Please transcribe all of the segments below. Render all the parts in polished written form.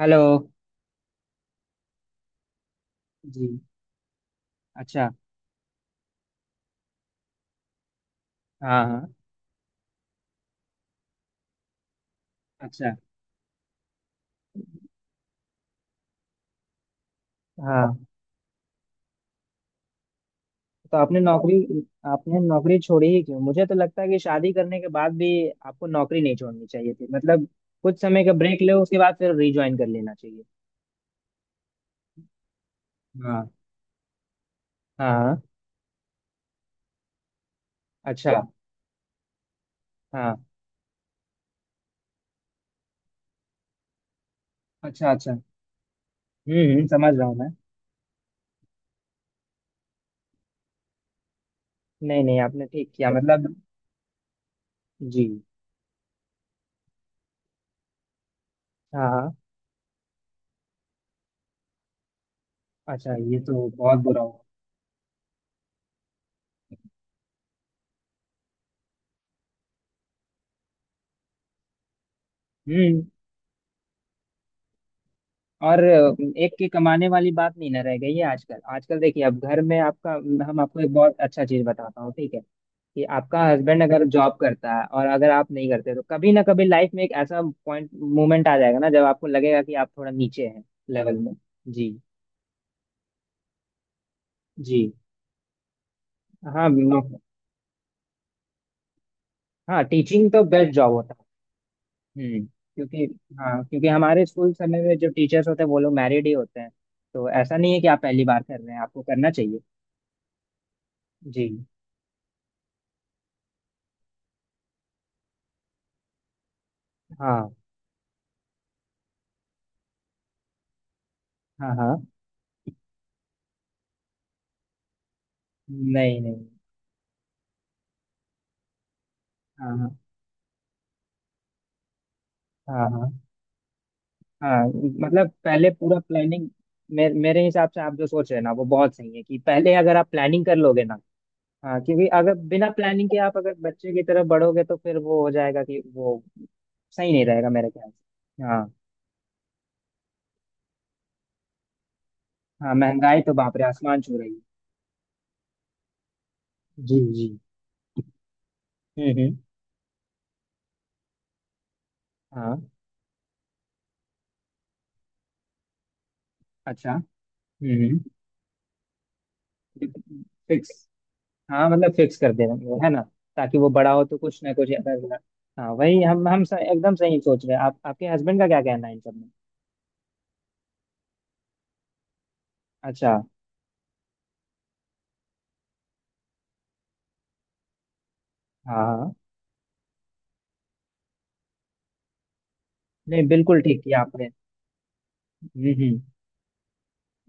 Hello. जी। अच्छा। हाँ हाँ। अच्छा। हाँ, तो आपने नौकरी छोड़ी ही क्यों? मुझे तो लगता है कि शादी करने के बाद भी आपको नौकरी नहीं छोड़नी चाहिए थी। मतलब कुछ समय का ब्रेक लो, उसके बाद फिर रिज्वाइन कर लेना चाहिए। हाँ हाँ। हाँ, अच्छा। हाँ। अच्छा अच्छा। समझ रहा हूँ मैं। नहीं नहीं, आपने ठीक किया मतलब। जी। हाँ हाँ। अच्छा, ये तो बहुत बुरा हुआ। हम्म। और एक के कमाने वाली बात नहीं ना रह गई है आजकल। आजकल देखिए, अब घर में आपका, हम आपको एक बहुत अच्छा चीज बताता हूँ, ठीक है, कि आपका हस्बैंड अगर जॉब करता है और अगर आप नहीं करते, तो कभी ना कभी लाइफ में एक ऐसा पॉइंट, मोमेंट आ जाएगा ना, जब आपको लगेगा कि आप थोड़ा नीचे हैं लेवल में। जी जी। हाँ बिल्कुल। हाँ, टीचिंग तो बेस्ट जॉब होता है। क्योंकि, हाँ, क्योंकि हमारे स्कूल समय में जो टीचर्स होते हैं वो लोग मैरिड ही होते हैं। तो ऐसा नहीं है कि आप पहली बार कर रहे हैं, आपको करना चाहिए। जी। हाँ हाँ। हाँ। नहीं नहीं। हाँ हाँ। हाँ हाँ। हाँ मतलब पहले पूरा प्लानिंग। मेरे हिसाब से आप जो सोच रहे हैं ना, वो बहुत सही है कि पहले अगर आप प्लानिंग कर लोगे ना। हाँ, क्योंकि अगर बिना प्लानिंग के आप अगर बच्चे की तरफ बढ़ोगे, तो फिर वो हो जाएगा कि वो सही नहीं रहेगा मेरे ख्याल से। हाँ। हाँ, महंगाई तो बाप रे आसमान छू रही है। जी जी। हम्म। हाँ। अच्छा। हम्म। फिक्स। हाँ मतलब फिक्स कर दे रहे हैं, है ना, ताकि वो बड़ा हो तो कुछ ना कुछ अगर ना-, हाँ वही। एकदम सही सोच रहे हैं आप। आपके हस्बैंड का क्या कहना है इन सब में? अच्छा। हाँ हाँ। नहीं, बिल्कुल ठीक किया आपने। हम्म।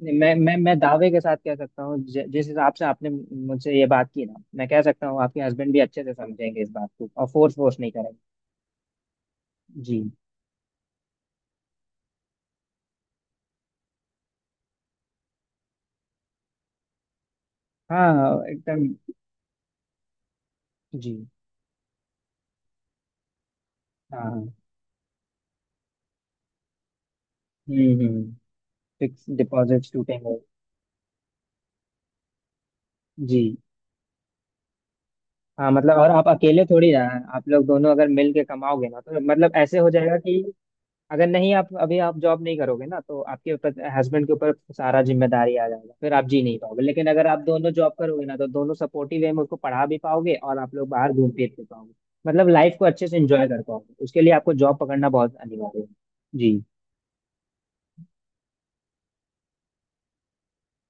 नहीं, मैं दावे के साथ कह सकता हूँ, जिस हिसाब से आपने मुझसे ये बात की ना, मैं कह सकता हूँ आपके हस्बैंड भी अच्छे से समझेंगे इस बात को, और फोर्स फोर्स नहीं करेंगे। जी। हाँ हाँ, एकदम। जी। हाँ हाँ। हम्म। फिक्स डिपॉजिट टूटेंगे। जी। हाँ मतलब, और आप अकेले थोड़ी ना हैं। आप लोग दोनों अगर मिल के कमाओगे ना, तो मतलब ऐसे हो जाएगा कि, अगर नहीं, आप अभी आप जॉब नहीं करोगे ना तो आपके ऊपर, हस्बैंड के ऊपर सारा जिम्मेदारी आ जाएगा, फिर आप जी नहीं पाओगे। लेकिन अगर आप दोनों जॉब करोगे ना, तो दोनों सपोर्टिव वे में उसको पढ़ा भी पाओगे और आप लोग बाहर घूम फिर भी पाओगे। मतलब लाइफ को अच्छे से एंजॉय कर पाओगे। उसके लिए आपको जॉब पकड़ना बहुत अनिवार्य है। जी।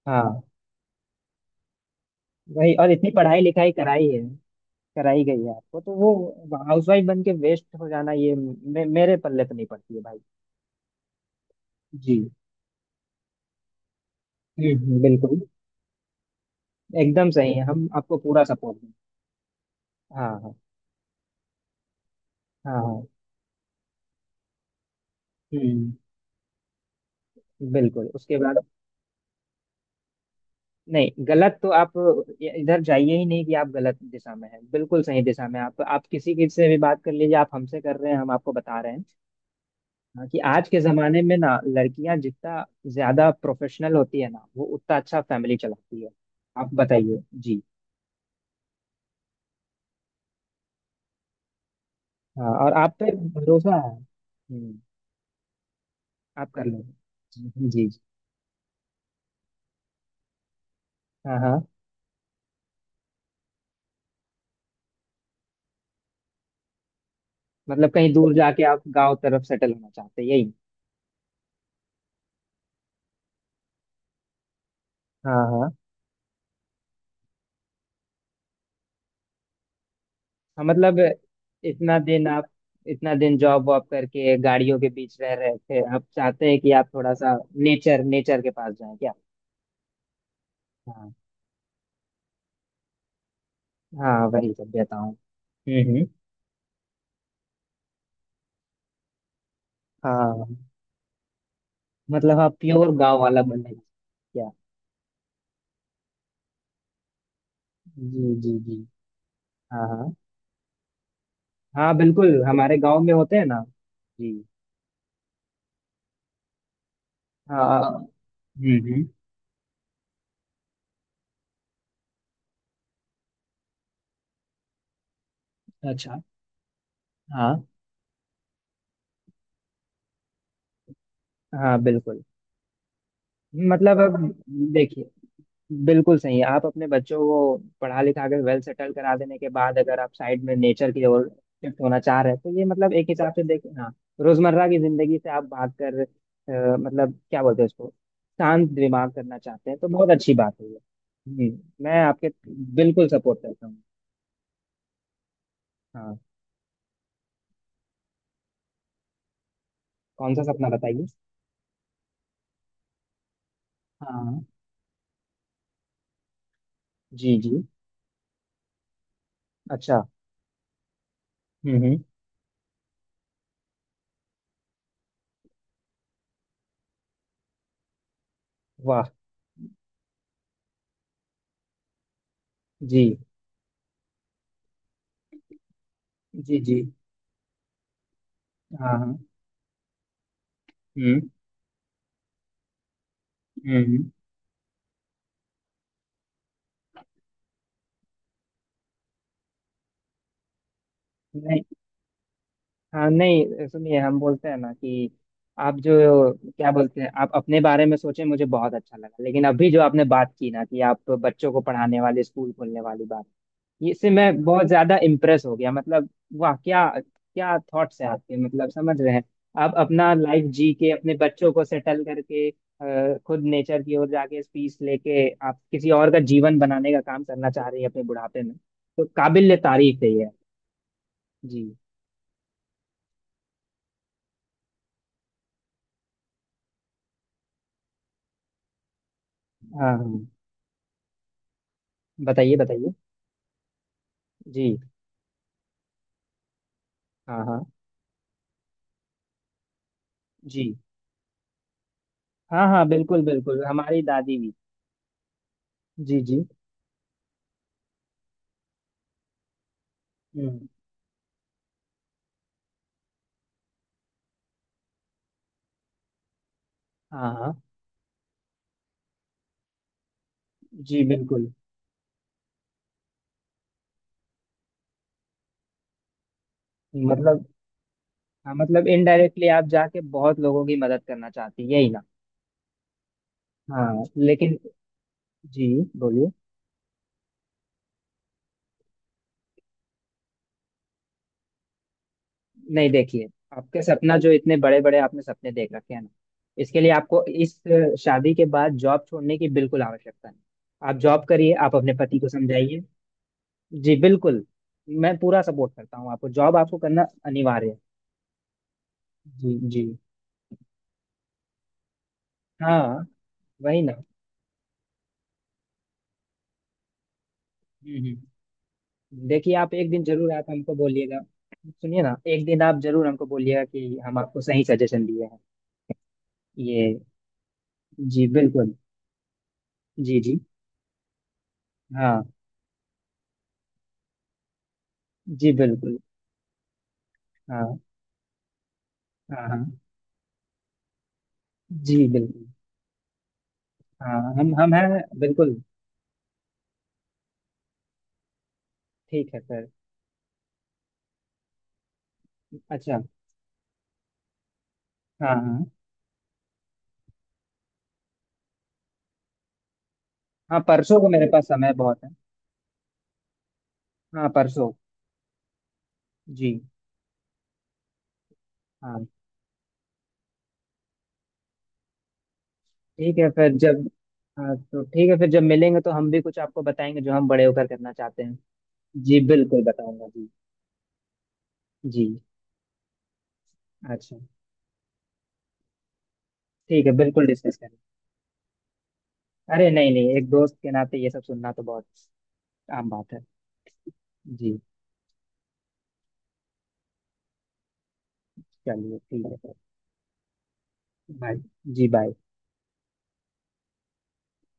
हाँ वही। और इतनी पढ़ाई लिखाई कराई है, कराई गई है आपको, तो वो हाउसवाइफ बन के वेस्ट हो जाना, ये मेरे पल्ले पे नहीं पड़ती है भाई। जी। बिल्कुल। एकदम सही है, हम आपको पूरा सपोर्ट दें। हाँ हाँ। हाँ हाँ। हम्म। बिल्कुल, उसके बाद। नहीं, गलत तो आप इधर जाइए ही नहीं कि आप गलत दिशा में हैं। बिल्कुल सही दिशा में हैं। आप किसी के से भी बात कर लीजिए, आप हमसे कर रहे हैं, हम आपको बता रहे हैं। हाँ, कि आज के जमाने में ना लड़कियां जितना ज्यादा प्रोफेशनल होती है ना, वो उतना अच्छा फैमिली चलाती है। आप बताइए जी। हाँ, और आप पे भरोसा है। हम्म। आप कर लो। जी जी जी। हाँ हाँ, मतलब कहीं दूर जाके आप गांव तरफ सेटल होना चाहते हैं, यही? हाँ हाँ। हाँ मतलब इतना दिन आप, इतना दिन जॉब वॉब करके गाड़ियों के बीच रह रहे थे, आप चाहते हैं कि आप थोड़ा सा नेचर नेचर के पास जाएं क्या? हाँ। हाँ वही सब देता हूँ। हम्म। हाँ मतलब आप प्योर गांव वाला बनना चाहते हैं क्या? जी जी जी। हाँ हाँ, हाँ बिल्कुल, हमारे गांव में होते हैं ना। जी। हाँ। हम्म। अच्छा। हाँ। हाँ बिल्कुल। मतलब अब, देखिए, बिल्कुल सही है। आप अपने बच्चों को पढ़ा लिखा के वेल सेटल करा देने के बाद अगर आप साइड में नेचर की ओर शिफ्ट होना चाह रहे हैं, तो ये मतलब एक हिसाब से देखें। हाँ, रोजमर्रा की जिंदगी से आप भाग कर मतलब क्या बोलते हैं उसको, शांत दिमाग करना चाहते हैं, तो बहुत अच्छी बात है ये। जी। मैं आपके बिल्कुल सपोर्ट करता हूँ। हाँ। कौन सा सपना, बताइए। हाँ। जी जी। अच्छा। हम्म। वाह। जी जी जी। हाँ हाँ। हम्म हम्म। हम्म। नहीं, हाँ नहीं, सुनिए, हम बोलते हैं ना कि आप जो, क्या बोलते हैं, आप अपने बारे में सोचे, मुझे बहुत अच्छा लगा। लेकिन अभी जो आपने बात की ना कि आप बच्चों को पढ़ाने वाले स्कूल खोलने वाली बात, इससे मैं बहुत ज्यादा इम्प्रेस हो गया, मतलब वाह! क्या क्या थॉट्स है आपके, मतलब समझ रहे हैं। आप अपना लाइफ जी के अपने बच्चों को सेटल करके खुद नेचर की ओर जाके पीस लेके आप किसी और का जीवन बनाने का काम करना चाह रही हैं अपने बुढ़ापे में। तो काबिल तारीफ है ये। जी। हाँ हाँ। बताइए बताइए। जी। हाँ हाँ। जी। हाँ हाँ बिल्कुल बिल्कुल, हमारी दादी भी। जी जी। हम्म। हाँ हाँ। जी बिल्कुल। मतलब, हाँ मतलब इनडायरेक्टली आप जाके बहुत लोगों की मदद करना चाहती है, यही ना? हाँ लेकिन, जी, बोलिए। नहीं देखिए, आपके सपना जो इतने बड़े बड़े आपने सपने देख रखे हैं ना, इसके लिए आपको इस शादी के बाद जॉब छोड़ने की बिल्कुल आवश्यकता नहीं। आप जॉब करिए, आप अपने पति को समझाइए। जी बिल्कुल। मैं पूरा सपोर्ट करता हूँ आपको, जॉब आपको करना अनिवार्य है। जी जी। हाँ वही ना। हम्म हम्म। देखिए, आप एक दिन जरूर आप हमको बोलिएगा, सुनिए ना, एक दिन आप जरूर हमको बोलिएगा कि हम आपको सही सजेशन दिए हैं ये। जी बिल्कुल। जी जी। हाँ। जी बिल्कुल। हाँ हाँ। हाँ। जी बिल्कुल। हाँ, हम हैं बिल्कुल। ठीक है सर। अच्छा। हाँ हाँ। हाँ परसों को मेरे पास समय बहुत है। हाँ परसों। जी। हाँ ठीक है, फिर जब, हाँ तो ठीक है फिर जब मिलेंगे तो हम भी कुछ आपको बताएंगे जो हम बड़े होकर करना चाहते हैं। जी बिल्कुल बताऊंगा जी। जी। अच्छा। ठीक है, बिल्कुल डिस्कस करें। अरे नहीं नहीं, एक दोस्त के नाते ये सब सुनना तो बहुत आम बात है। जी। चलिए ठीक है। बाय। जी, बाय।